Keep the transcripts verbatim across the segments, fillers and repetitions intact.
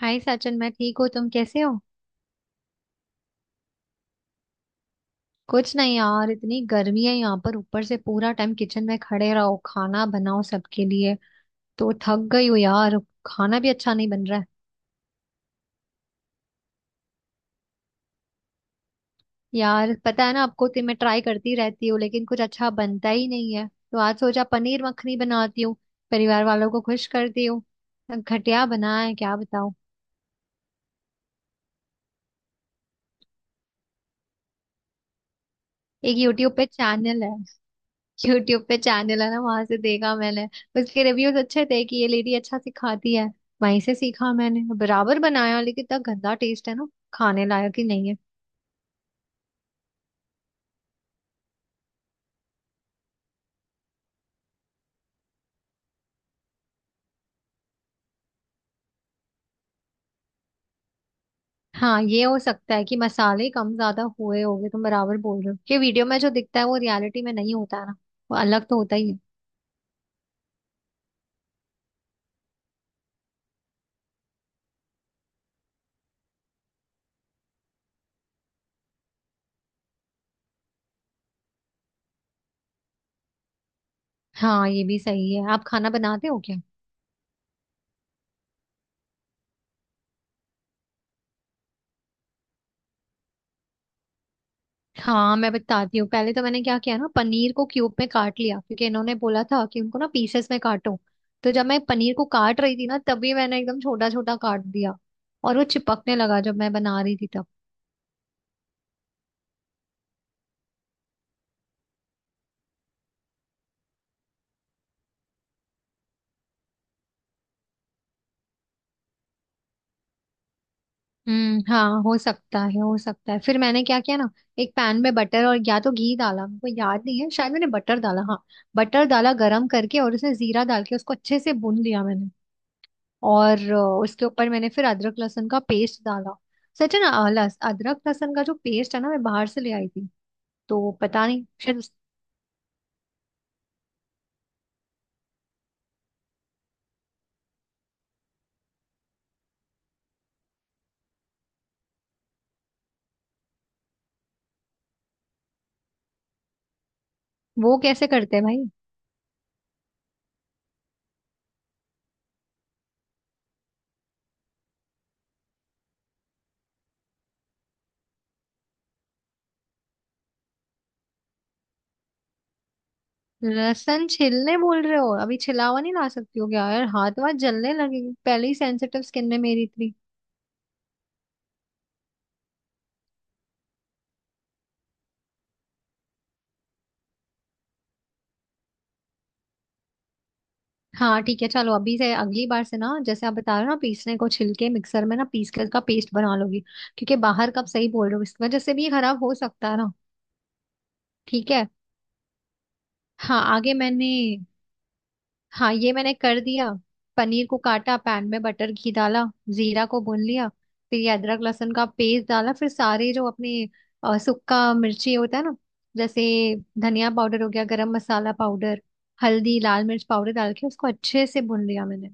हाय सचिन। मैं ठीक हूँ, तुम कैसे हो? कुछ नहीं यार, इतनी गर्मी है यहाँ पर, ऊपर से पूरा टाइम किचन में खड़े रहो, खाना बनाओ सबके लिए, तो थक गई हूँ यार। खाना भी अच्छा नहीं बन रहा है। यार पता है ना आपको, तो मैं ट्राई करती रहती हूँ, लेकिन कुछ अच्छा बनता ही नहीं है, तो आज सोचा पनीर मखनी बनाती हूँ, परिवार वालों को खुश करती हूँ। घटिया बना है, क्या बताऊँ। एक यूट्यूब पे चैनल है। यूट्यूब पे चैनल है ना, वहां से देखा मैंने। उसके रिव्यूज अच्छे थे कि ये लेडी अच्छा सिखाती है। वहीं से सीखा मैंने, बराबर बनाया, लेकिन इतना गंदा टेस्ट है ना, खाने लायक ही नहीं है। हाँ, ये हो सकता है कि मसाले कम ज्यादा हुए होंगे, तुम बराबर बोल रहे हो, ये वीडियो में जो दिखता है वो रियलिटी में नहीं होता है ना, वो अलग तो होता ही है। हाँ ये भी सही है। आप खाना बनाते हो क्या? हाँ मैं बताती हूँ। पहले तो मैंने क्या किया ना, पनीर को क्यूब में काट लिया क्योंकि इन्होंने बोला था कि उनको ना पीसेस में काटो। तो जब मैं पनीर को काट रही थी ना, तभी मैंने एकदम छोटा छोटा काट दिया, और वो चिपकने लगा जब मैं बना रही थी तब। हम्म, हाँ, हो सकता है, हो सकता है। फिर मैंने क्या किया ना, एक पैन में बटर और या तो घी डाला, मेरे को याद नहीं है, शायद मैंने बटर डाला हाँ। बटर डाला गरम करके, और उसमें जीरा डाल के उसको अच्छे से भून लिया मैंने। और अ, उसके ऊपर मैंने फिर अदरक लहसुन का पेस्ट डाला। सच है ना, अ, लहस- अदरक लहसुन का जो पेस्ट है ना, मैं बाहर से ले आई थी, तो पता नहीं शायद उस- वो कैसे करते हैं भाई? लहसुन छिलने बोल रहे हो? अभी छिला हुआ नहीं ला सकती हो क्या यार? हाथ वाथ जलने लगेंगे, पहले ही सेंसिटिव स्किन में मेरी इतनी। हाँ ठीक है, चलो अभी से अगली बार से ना, जैसे आप बता रहे हो ना, पीसने को छिलके मिक्सर में ना पीस कर का पेस्ट बना लोगी, क्योंकि बाहर का आप सही बोल रहे हो, इस वजह से भी ये खराब हो सकता है ना। ठीक है। हाँ आगे मैंने, हाँ ये मैंने कर दिया, पनीर को काटा, पैन में बटर घी डाला, जीरा को भून लिया, फिर ये अदरक लहसुन का पेस्ट डाला, फिर सारे जो अपने अ, सुक्का मिर्ची होता है ना, जैसे धनिया पाउडर हो गया, गरम मसाला पाउडर, हल्दी, लाल मिर्च पाउडर डाल के उसको अच्छे से भून लिया मैंने।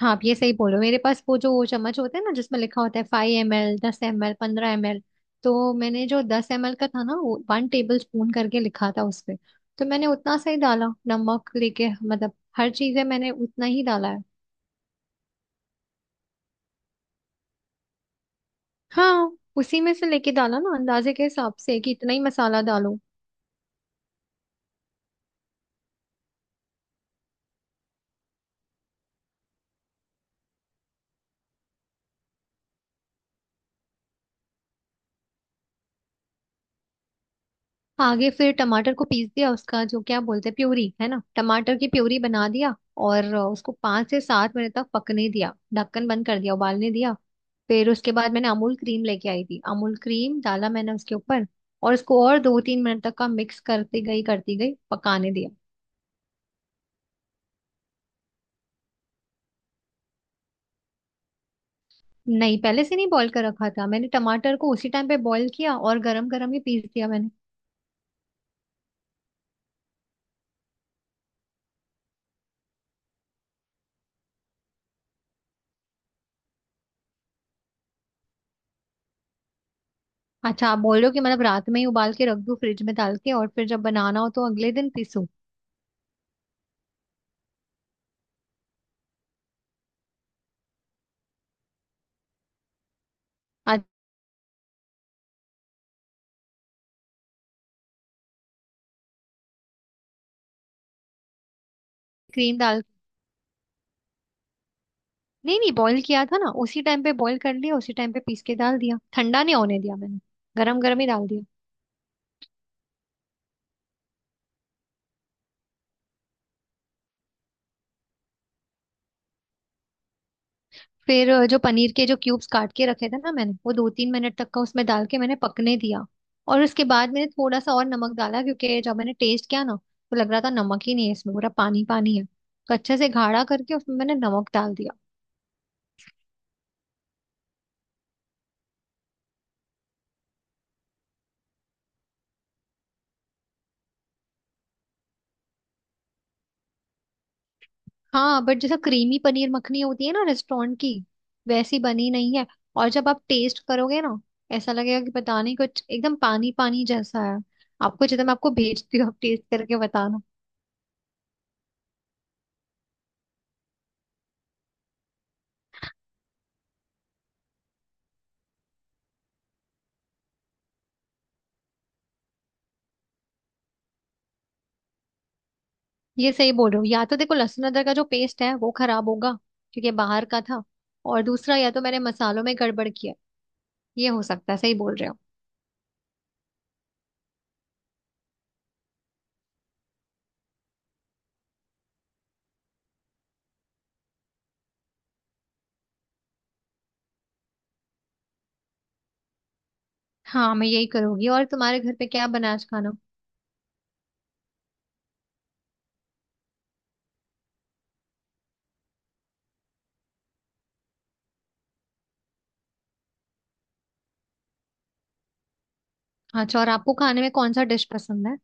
हाँ, आप ये सही बोल रहे हो। मेरे पास वो जो वो चम्मच होते हैं ना, जिसमें लिखा होता है फाइव एम एल दस एम एल पंद्रह एम एल, तो मैंने जो दस एम एल का था ना, वो वन टेबल स्पून करके लिखा था उस पे, तो मैंने उतना सही डाला। नमक लेके मतलब हर चीज़ है मैंने उतना ही डाला है। हाँ उसी में से लेके डाला ना, अंदाजे के हिसाब से कि इतना ही मसाला डालो। आगे फिर टमाटर को पीस दिया, उसका जो क्या बोलते हैं, प्यूरी है ना, टमाटर की प्यूरी बना दिया, और अ, उसको पाँच से सात मिनट तक पकने दिया, ढक्कन बंद कर दिया, उबालने दिया। फिर उसके बाद मैंने अमूल क्रीम लेके आई थी, अमूल क्रीम डाला मैंने उसके ऊपर, और उसको और दो तीन मिनट तक का मिक्स करती गई करती गई, पकाने दिया। नहीं, पहले से नहीं बॉईल कर रखा था मैंने, टमाटर को उसी टाइम पे बॉईल किया और गरम गरम ही पीस दिया मैंने। अच्छा, आप बोल रहे हो कि मतलब रात में ही उबाल के रख दूं फ्रिज में डाल के, और फिर जब बनाना हो तो अगले दिन पीसूं? आज। क्रीम डाल। नहीं नहीं, बॉईल किया था ना, उसी टाइम पे बॉईल कर लिया, उसी टाइम पे पीस के डाल दिया, ठंडा नहीं होने दिया मैंने, गरम गरम ही डाल दिया। फिर अ, जो पनीर के जो क्यूब्स काट के रखे थे ना मैंने, वो दो तीन मिनट तक का उसमें डाल के मैंने पकने दिया, और उसके बाद मैंने थोड़ा सा और नमक डाला, क्योंकि जब मैंने टेस्ट किया ना तो लग रहा था नमक ही नहीं है, इसमें पूरा पानी पानी है, तो अच्छे से गाढ़ा करके उसमें मैंने नमक डाल दिया। हाँ बट जैसा क्रीमी पनीर मखनी होती है ना रेस्टोरेंट की, वैसी बनी नहीं है, और जब आप टेस्ट करोगे ना, ऐसा लगेगा कि पता नहीं कुछ एकदम पानी पानी जैसा है। आपको जितना मैं आपको भेजती हूँ, आप टेस्ट करके बताना। ये सही बोल रहे हो, या तो देखो लहसुन अदरक का जो पेस्ट है वो खराब होगा, क्योंकि ये बाहर का था, और दूसरा या तो मैंने मसालों में गड़बड़ किया, ये हो सकता है, सही बोल रहे हो। हाँ मैं यही करूंगी। और तुम्हारे घर पे क्या बना आज खाना? अच्छा, और आपको खाने में कौन सा डिश पसंद है?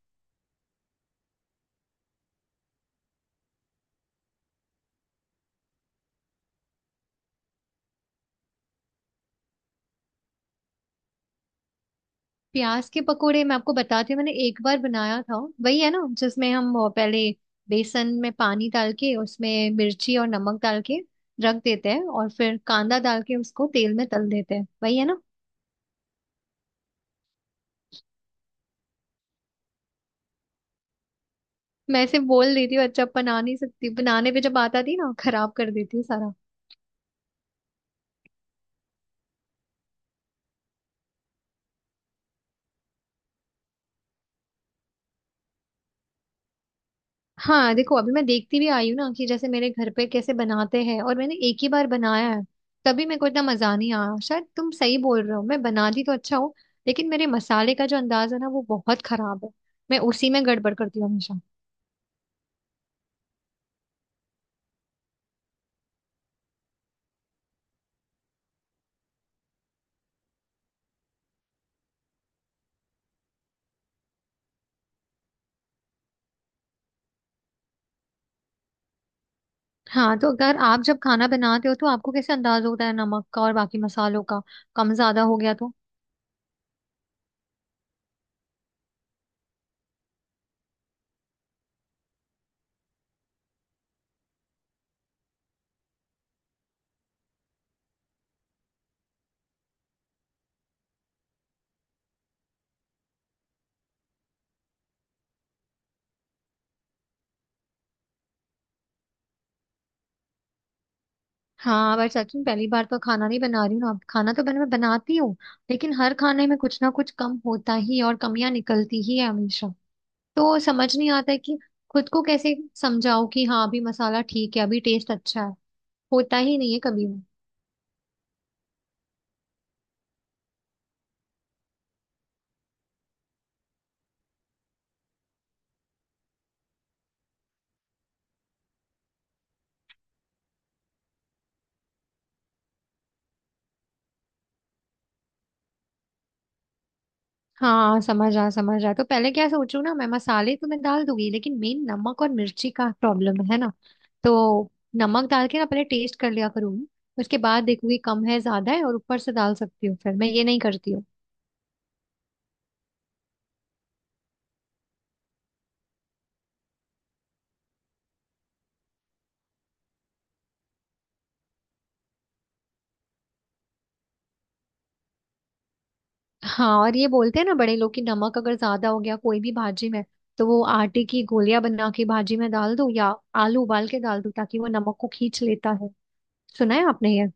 प्याज के पकोड़े, मैं आपको बताती हूँ, मैंने एक बार बनाया था। वही है ना जिसमें हम वो पहले बेसन में पानी डाल के उसमें मिर्ची और नमक डाल के रख देते हैं, और फिर कांदा डाल के उसको तेल में तल देते हैं, वही है ना? मैं ऐसे बोल देती हूँ, अच्छा बना नहीं सकती, बनाने पे जब आता थी ना, खराब कर देती हूँ सारा। हाँ देखो, अभी मैं देखती भी आई हूँ ना कि जैसे मेरे घर पे कैसे बनाते हैं, और मैंने एक ही बार बनाया है, तभी मेरे को इतना मजा नहीं आया। शायद तुम सही बोल रहे हो, मैं बनाती तो अच्छा हूँ, लेकिन मेरे मसाले का जो अंदाज है ना, वो बहुत खराब है। मैं उसी में गड़बड़ करती हूँ हमेशा। हाँ, तो अगर आप जब खाना बनाते हो तो आपको कैसे अंदाज होता है नमक का और बाकी मसालों का, कम ज्यादा हो गया तो? हाँ, पर सच में पहली बार तो खाना नहीं बना रही हूँ ना, खाना तो बन मैं बनाती हूँ, लेकिन हर खाने में कुछ ना कुछ कम होता ही है और कमियां निकलती ही है हमेशा। तो समझ नहीं आता है कि खुद को कैसे समझाओ कि हाँ अभी मसाला ठीक है, अभी टेस्ट अच्छा है। होता ही नहीं है कभी भी। हाँ, समझ आ समझ आ। तो पहले क्या सोचू ना, मैं मसाले तो मैं डाल दूंगी, लेकिन मेन नमक और मिर्ची का प्रॉब्लम है ना, तो नमक डाल के ना पहले टेस्ट कर लिया करूंगी, उसके बाद देखूंगी कम है ज्यादा है और ऊपर से डाल सकती हूँ, फिर मैं ये नहीं करती हूँ। हाँ, और ये बोलते हैं ना बड़े लोग कि नमक अगर ज्यादा हो गया कोई भी भाजी में, तो वो आटे की गोलियां बना के भाजी में डाल दो या आलू उबाल के डाल दो, ताकि वो नमक को खींच लेता है। सुना है आपने ये?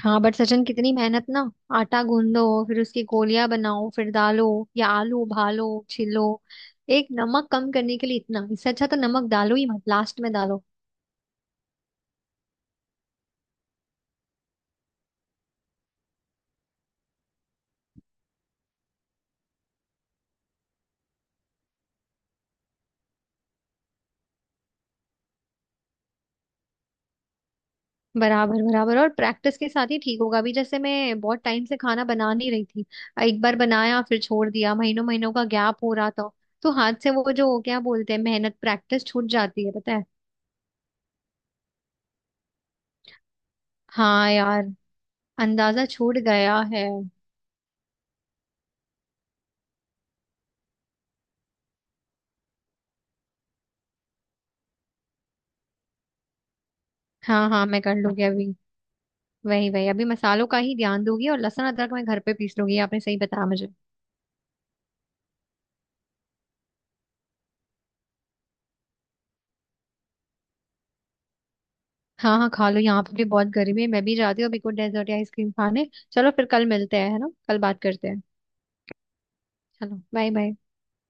हाँ बट सचिन, कितनी मेहनत ना। आटा गूंदो, फिर उसकी गोलियां बनाओ, फिर डालो, या आलू उबालो छिलो, एक नमक कम करने के लिए इतना, इससे अच्छा तो नमक डालो ही मत, लास्ट में डालो। बराबर बराबर, और प्रैक्टिस के साथ ही ठीक होगा। अभी जैसे मैं बहुत टाइम से खाना बना नहीं रही थी, एक बार बनाया फिर छोड़ दिया, महीनों महीनों का गैप हो रहा था, तो हाथ से वो जो क्या बोलते हैं मेहनत प्रैक्टिस छूट जाती है, पता है। हाँ यार, अंदाजा छूट गया है। हाँ हाँ, मैं कर लूंगी अभी। वही वही, अभी मसालों का ही ध्यान दूंगी, और लहसुन अदरक मैं घर पे पीस लूंगी, ये आपने सही बताया मुझे। हाँ हाँ, खा लो, यहाँ पे भी बहुत गर्मी है, मैं भी जाती हूँ अभी कुछ डेजर्ट या आइसक्रीम खाने, चलो फिर कल मिलते हैं है ना, कल बात करते हैं। चलो बाय बाय।